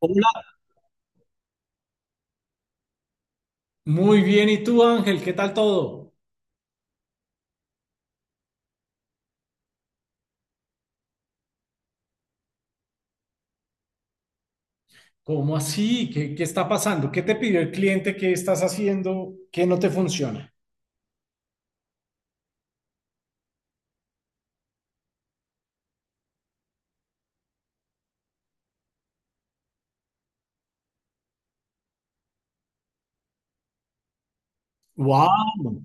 Hola, muy bien. ¿Y tú, Ángel? ¿Qué tal todo? ¿Cómo así? ¿Qué está pasando? ¿Qué te pidió el cliente? ¿Qué estás haciendo? ¿Qué no te funciona? Wow.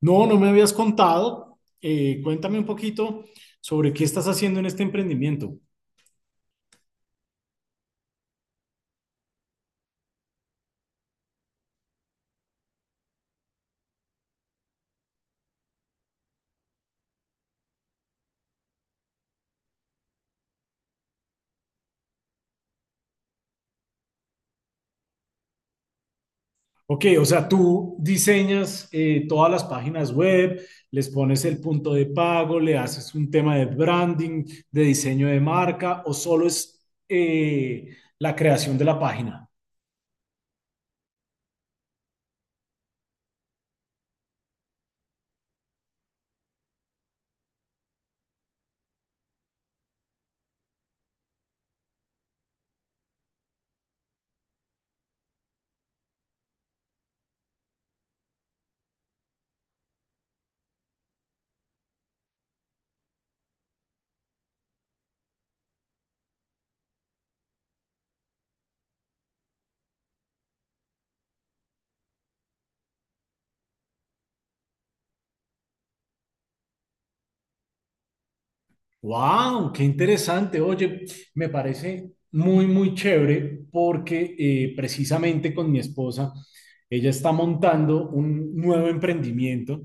No, me habías contado. Cuéntame un poquito sobre qué estás haciendo en este emprendimiento. Ok, o sea, tú diseñas todas las páginas web, les pones el punto de pago, le haces un tema de branding, de diseño de marca, o solo es eh, la creación de la página. Wow, qué interesante. Oye, me parece muy muy chévere porque precisamente con mi esposa, ella está montando un nuevo emprendimiento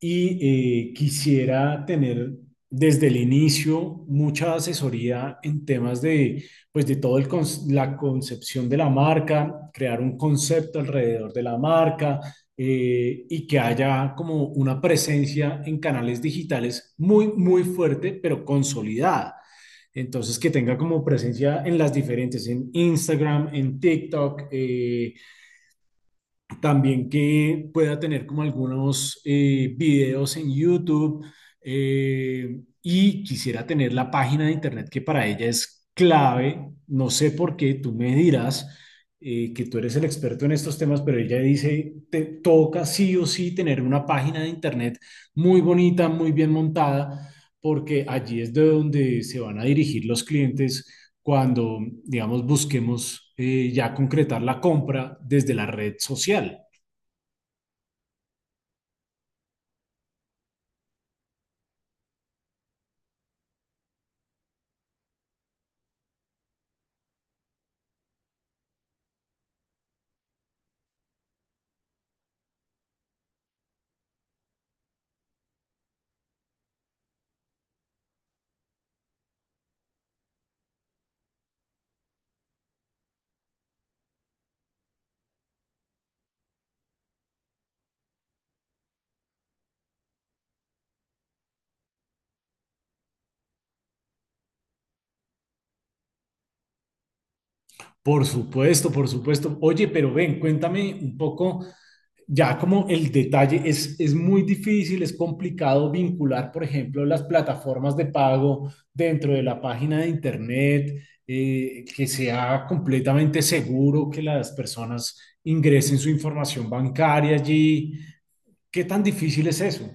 y quisiera tener desde el inicio mucha asesoría en temas de, pues, de todo el la concepción de la marca, crear un concepto alrededor de la marca, y que haya como una presencia en canales digitales muy muy fuerte, pero consolidada. Entonces, que tenga como presencia en las diferentes, en Instagram, en TikTok, también que pueda tener como algunos videos en YouTube, y quisiera tener la página de internet, que para ella es clave. No sé por qué, tú me dirás, que tú eres el experto en estos temas, pero ella dice, te toca sí o sí tener una página de internet muy bonita, muy bien montada, porque allí es de donde se van a dirigir los clientes cuando, digamos, busquemos ya concretar la compra desde la red social. Por supuesto, por supuesto. Oye, pero ven, cuéntame un poco, ya como el detalle, es muy difícil, es complicado vincular, por ejemplo, las plataformas de pago dentro de la página de Internet, que sea completamente seguro que las personas ingresen su información bancaria allí. ¿Qué tan difícil es eso?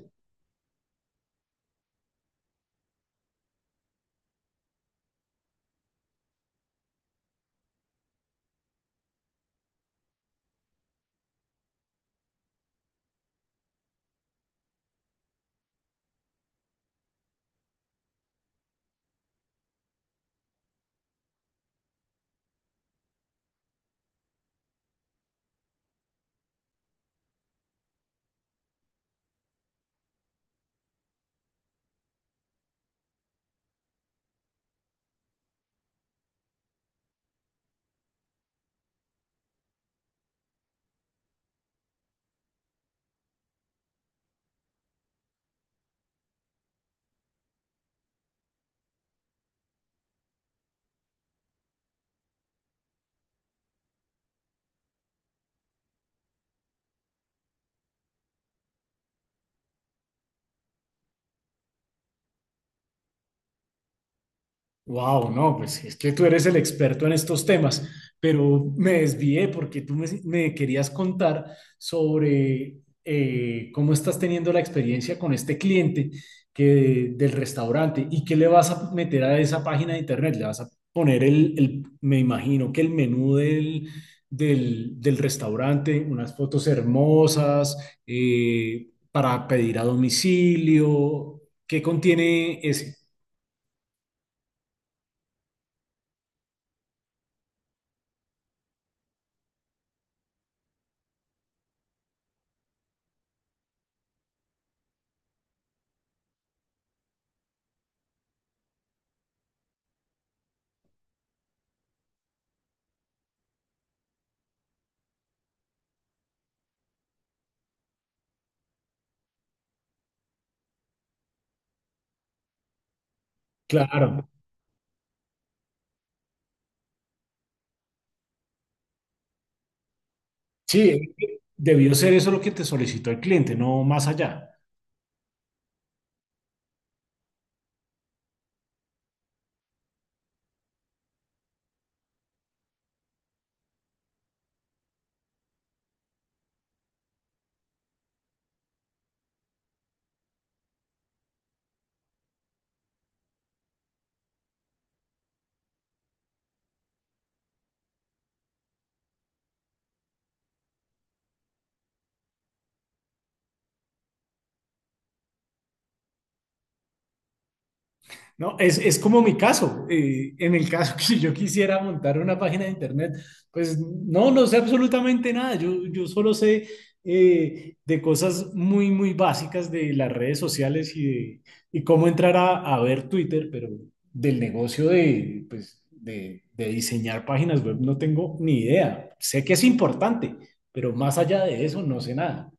Wow, no, pues es que tú eres el experto en estos temas, pero me desvié porque tú me querías contar sobre cómo estás teniendo la experiencia con este cliente que, del restaurante, y qué le vas a meter a esa página de internet. Le vas a poner me imagino que el menú del restaurante, unas fotos hermosas, para pedir a domicilio. ¿Qué contiene ese? Claro. Sí, debió ser eso lo que te solicitó el cliente, no más allá. No, es como mi caso. En el caso que yo quisiera montar una página de internet, pues no, no sé absolutamente nada. Yo solo sé de cosas muy muy básicas de las redes sociales y, de, y cómo entrar a ver Twitter, pero del negocio de, pues, de diseñar páginas web, no tengo ni idea. Sé que es importante, pero más allá de eso no sé nada.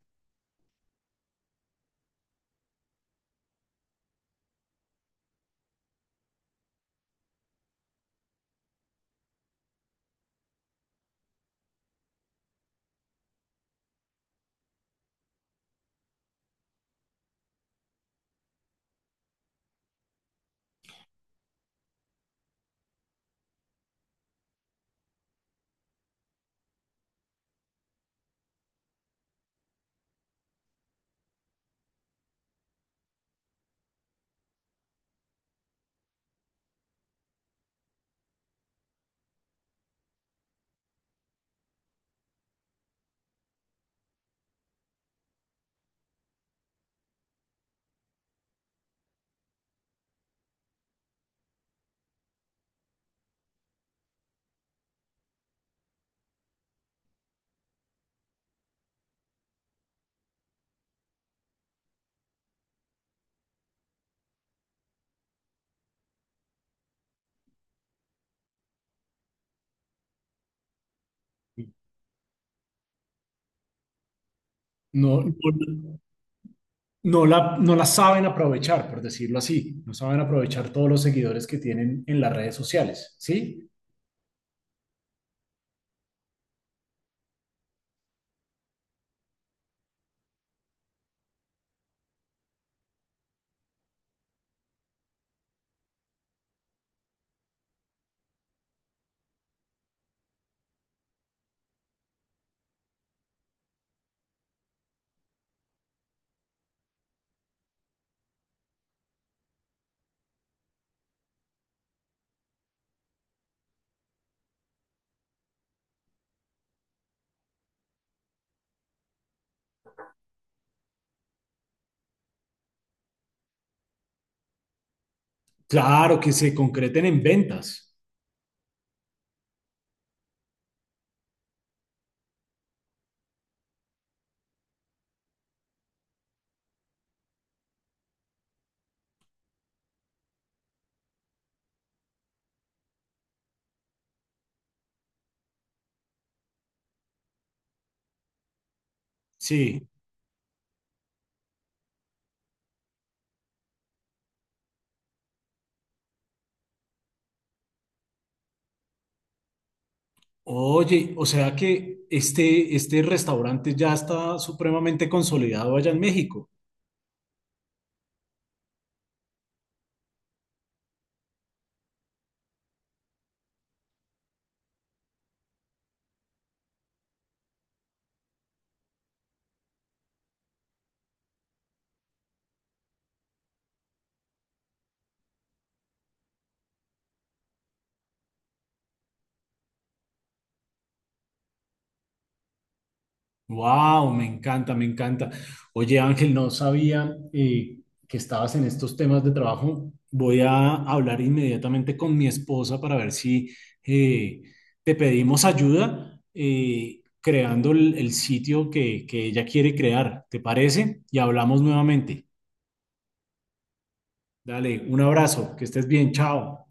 No, no, no la, no la saben aprovechar, por decirlo así. No saben aprovechar todos los seguidores que tienen en las redes sociales, ¿sí? Claro, que se concreten en ventas, sí. Oye, o sea que este restaurante ya está supremamente consolidado allá en México. Wow, me encanta, me encanta. Oye, Ángel, no sabía que estabas en estos temas de trabajo. Voy a hablar inmediatamente con mi esposa para ver si eh, te pedimos ayuda creando el sitio que ella quiere crear. ¿Te parece? Y hablamos nuevamente. Dale, un abrazo, que estés bien, chao.